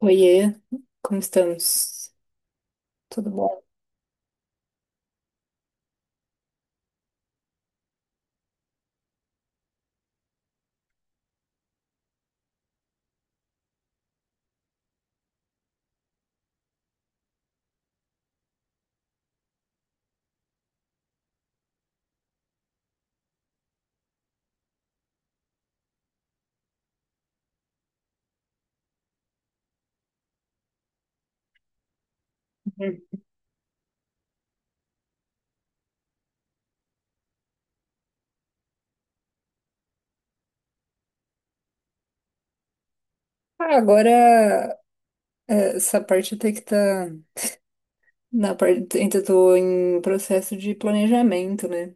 Oiê, como estamos? Tudo bom? Hum. Ah, agora essa parte até que tá na parte, ainda tô em processo de planejamento, né?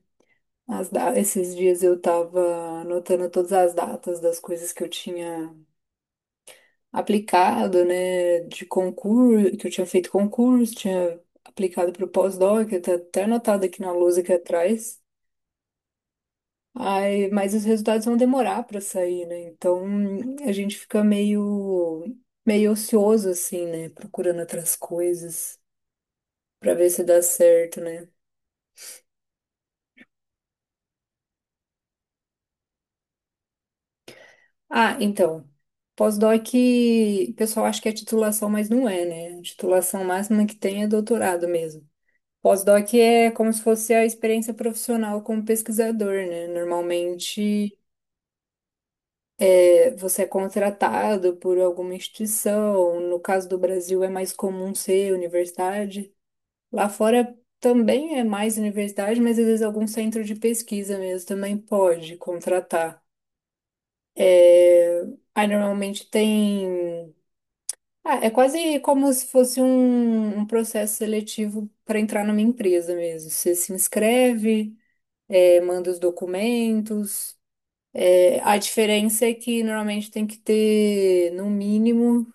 Esses dias eu tava anotando todas as datas das coisas que eu tinha aplicado, né? De concurso, que eu tinha feito concurso, tinha aplicado para o pós-doc, eu tá até anotado aqui na lousa aqui atrás. Ai, mas os resultados vão demorar para sair, né? Então a gente fica meio ocioso, assim, né? Procurando outras coisas para ver se dá certo, né? Ah, então, pós-doc, o pessoal acha que é titulação, mas não é, né? A titulação máxima que tem é doutorado mesmo. Pós-doc é como se fosse a experiência profissional como pesquisador, né? Normalmente. Você é contratado por alguma instituição, no caso do Brasil é mais comum ser universidade. Lá fora também é mais universidade, mas às vezes algum centro de pesquisa mesmo também pode contratar. É... Aí normalmente tem. Ah, é quase como se fosse um processo seletivo para entrar numa empresa mesmo. Você se inscreve, manda os documentos. É, a diferença é que normalmente tem que ter, no mínimo,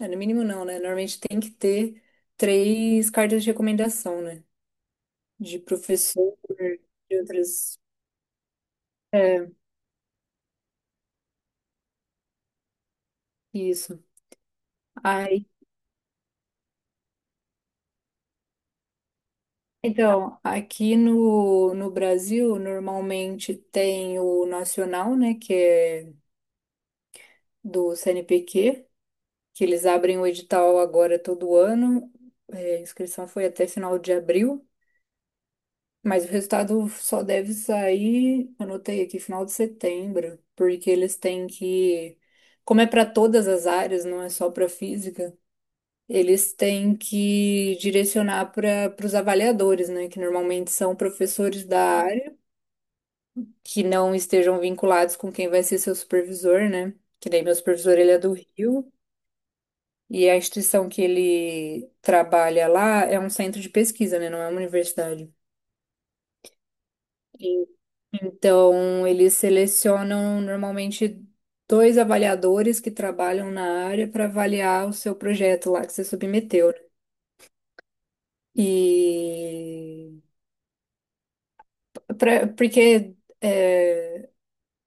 é, no mínimo não, né? Normalmente tem que ter três cartas de recomendação, né? De professor, de outras. É, isso. Aí, então, aqui no Brasil, normalmente tem o nacional, né? Que é do CNPq, que eles abrem o edital agora todo ano. É, a inscrição foi até final de abril. Mas o resultado só deve sair, anotei aqui, final de setembro, porque eles têm que, como é para todas as áreas, não é só para física, eles têm que direcionar para os avaliadores, né, que normalmente são professores da área, que não estejam vinculados com quem vai ser seu supervisor, né? Que nem meu supervisor, ele é do Rio, e a instituição que ele trabalha lá é um centro de pesquisa, né, não é uma universidade. Então, eles selecionam normalmente dois avaliadores que trabalham na área para avaliar o seu projeto lá que você submeteu, né? E porque é,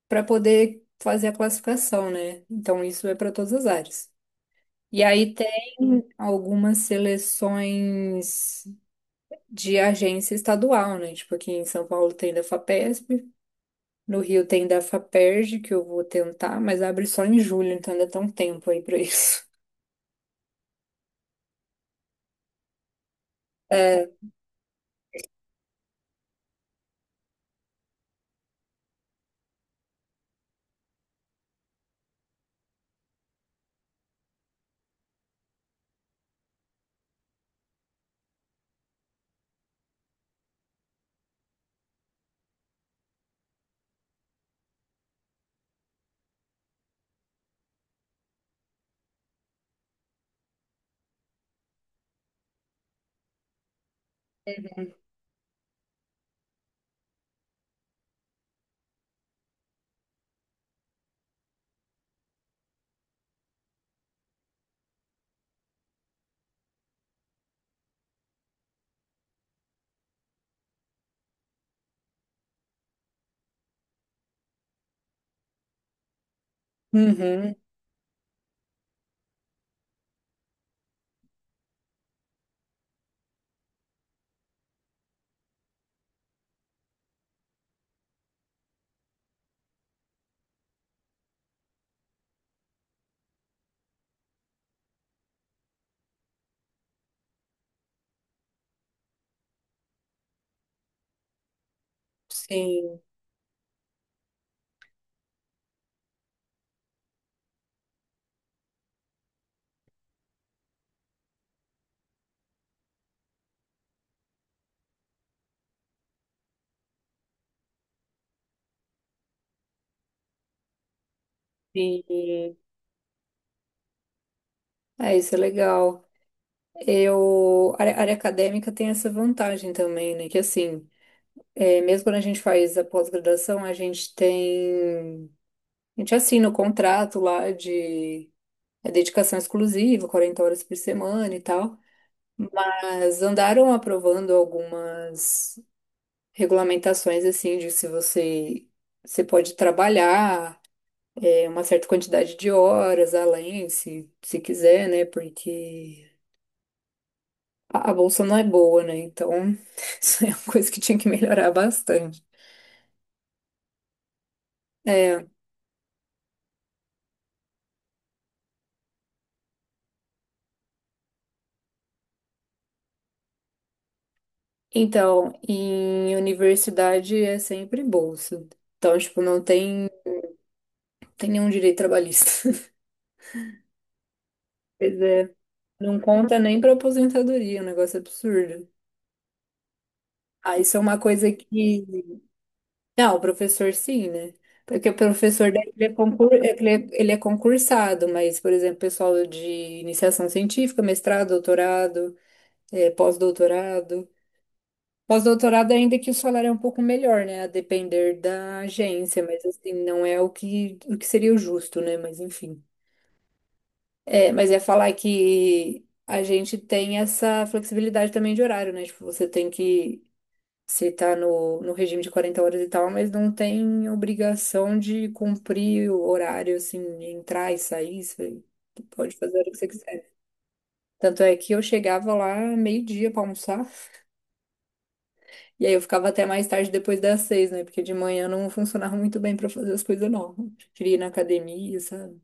para poder fazer a classificação, né? Então, isso é para todas as áreas. E aí tem algumas seleções de agência estadual, né? Tipo, aqui em São Paulo tem da FAPESP. No Rio tem da Faperj, que eu vou tentar, mas abre só em julho, então ainda tá um tempo aí pra isso. É, uhum, sim, sim. É, isso é legal. Eu, a área acadêmica tem essa vantagem também, né? Que assim, é, mesmo quando a gente faz a pós-graduação, a gente tem, a gente assina o contrato lá de dedicação exclusiva, 40 horas por semana e tal. Mas andaram aprovando algumas regulamentações assim de se você pode trabalhar uma certa quantidade de horas além, se quiser, né? Porque a bolsa não é boa, né? Então, isso é uma coisa que tinha que melhorar bastante. É, então, em universidade é sempre bolsa. Então, tipo, não tem, tem nenhum direito trabalhista. Pois é, não conta nem pra aposentadoria, é um negócio absurdo. Ah, isso é uma coisa que não, o professor sim, né? Porque o professor daí, ele é concursado, mas, por exemplo, pessoal de iniciação científica, mestrado, doutorado, pós-doutorado. Pós-doutorado, ainda que o salário é um pouco melhor, né? A depender da agência, mas assim, não é o que seria o justo, né? Mas enfim. É, mas é falar que a gente tem essa flexibilidade também de horário, né? Tipo, você tem que você tá no regime de 40 horas e tal, mas não tem obrigação de cumprir o horário, assim, de entrar e sair. Você pode fazer a hora que você quiser. Tanto é que eu chegava lá meio-dia pra almoçar. E aí eu ficava até mais tarde depois das seis, né? Porque de manhã não funcionava muito bem pra fazer as coisas, não. Eu queria ir na academia, sabe?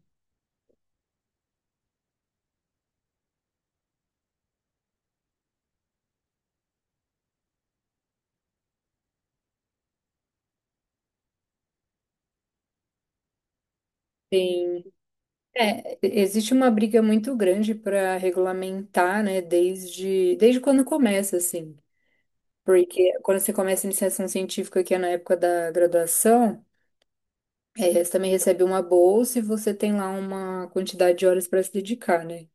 Tem, é, existe uma briga muito grande para regulamentar, né, desde quando começa, assim. Porque quando você começa a iniciação científica, que é na época da graduação, é, você também recebe uma bolsa e você tem lá uma quantidade de horas para se dedicar, né?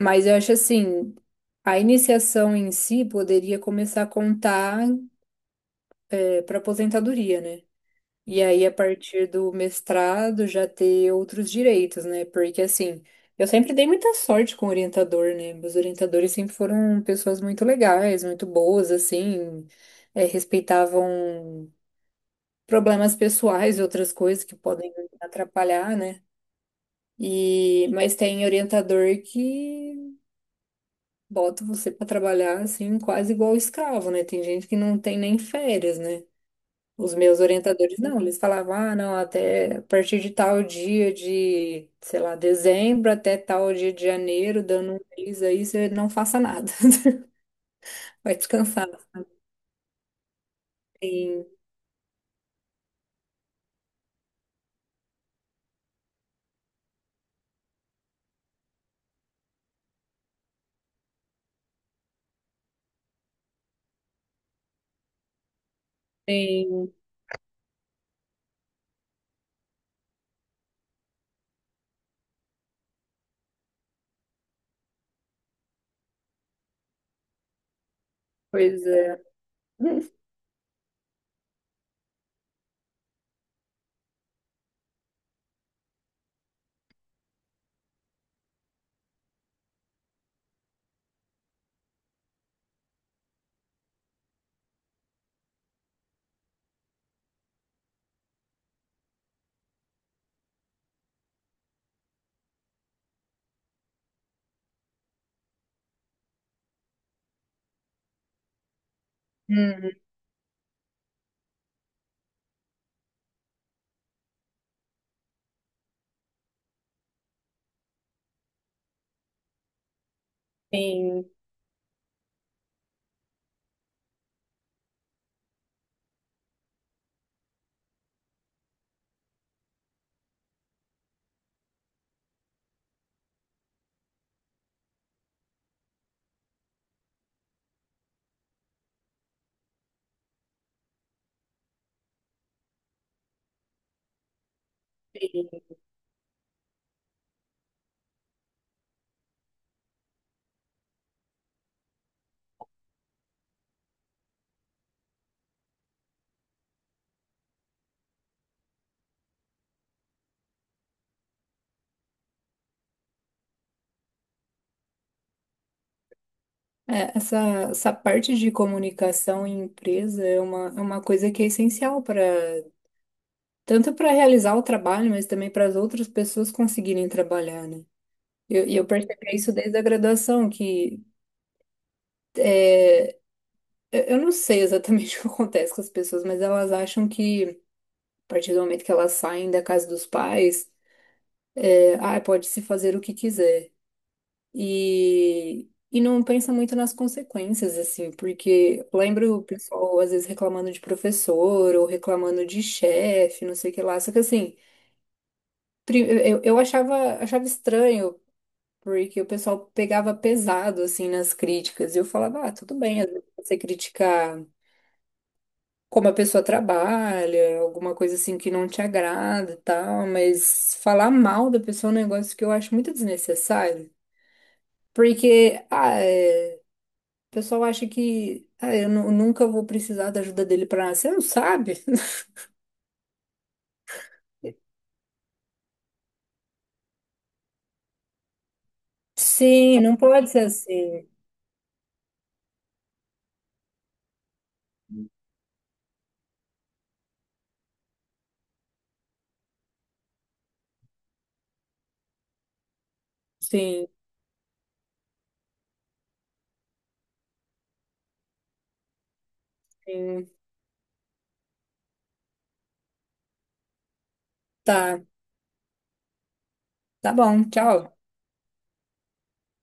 Mas eu acho assim, a iniciação em si poderia começar a contar, para aposentadoria, né? E aí, a partir do mestrado, já ter outros direitos, né? Porque assim, eu sempre dei muita sorte com o orientador, né? Meus orientadores sempre foram pessoas muito legais, muito boas, assim, é, respeitavam problemas pessoais e outras coisas que podem atrapalhar, né? E mas tem orientador que bota você para trabalhar assim, quase igual escravo, né? Tem gente que não tem nem férias, né? Os meus orientadores não, eles falavam, ah, não, até a partir de tal dia de, sei lá, dezembro até tal dia de janeiro, dando um mês aí, você não faça nada. Vai descansar. Tem, tem coisa. Hum, tem, tem é, essa parte de comunicação em empresa é uma coisa que é essencial para tanto para realizar o trabalho, mas também para as outras pessoas conseguirem trabalhar, né? E eu percebi isso desde a graduação, que é, eu não sei exatamente o que acontece com as pessoas, mas elas acham que a partir do momento que elas saem da casa dos pais, é, ah, pode-se fazer o que quiser. E não pensa muito nas consequências, assim, porque eu lembro o pessoal às vezes reclamando de professor ou reclamando de chefe, não sei o que lá. Só que assim, pri- eu achava estranho, porque o pessoal pegava pesado, assim, nas críticas. E eu falava, ah, tudo bem, às vezes você criticar como a pessoa trabalha, alguma coisa assim que não te agrada e tal, mas falar mal da pessoa é um negócio que eu acho muito desnecessário. Porque, ah, é. O pessoal acha que ah, eu nunca vou precisar da ajuda dele para nada. Você não sabe? Sim, não pode ser assim. Sim, sim. Tá, tá bom, tchau.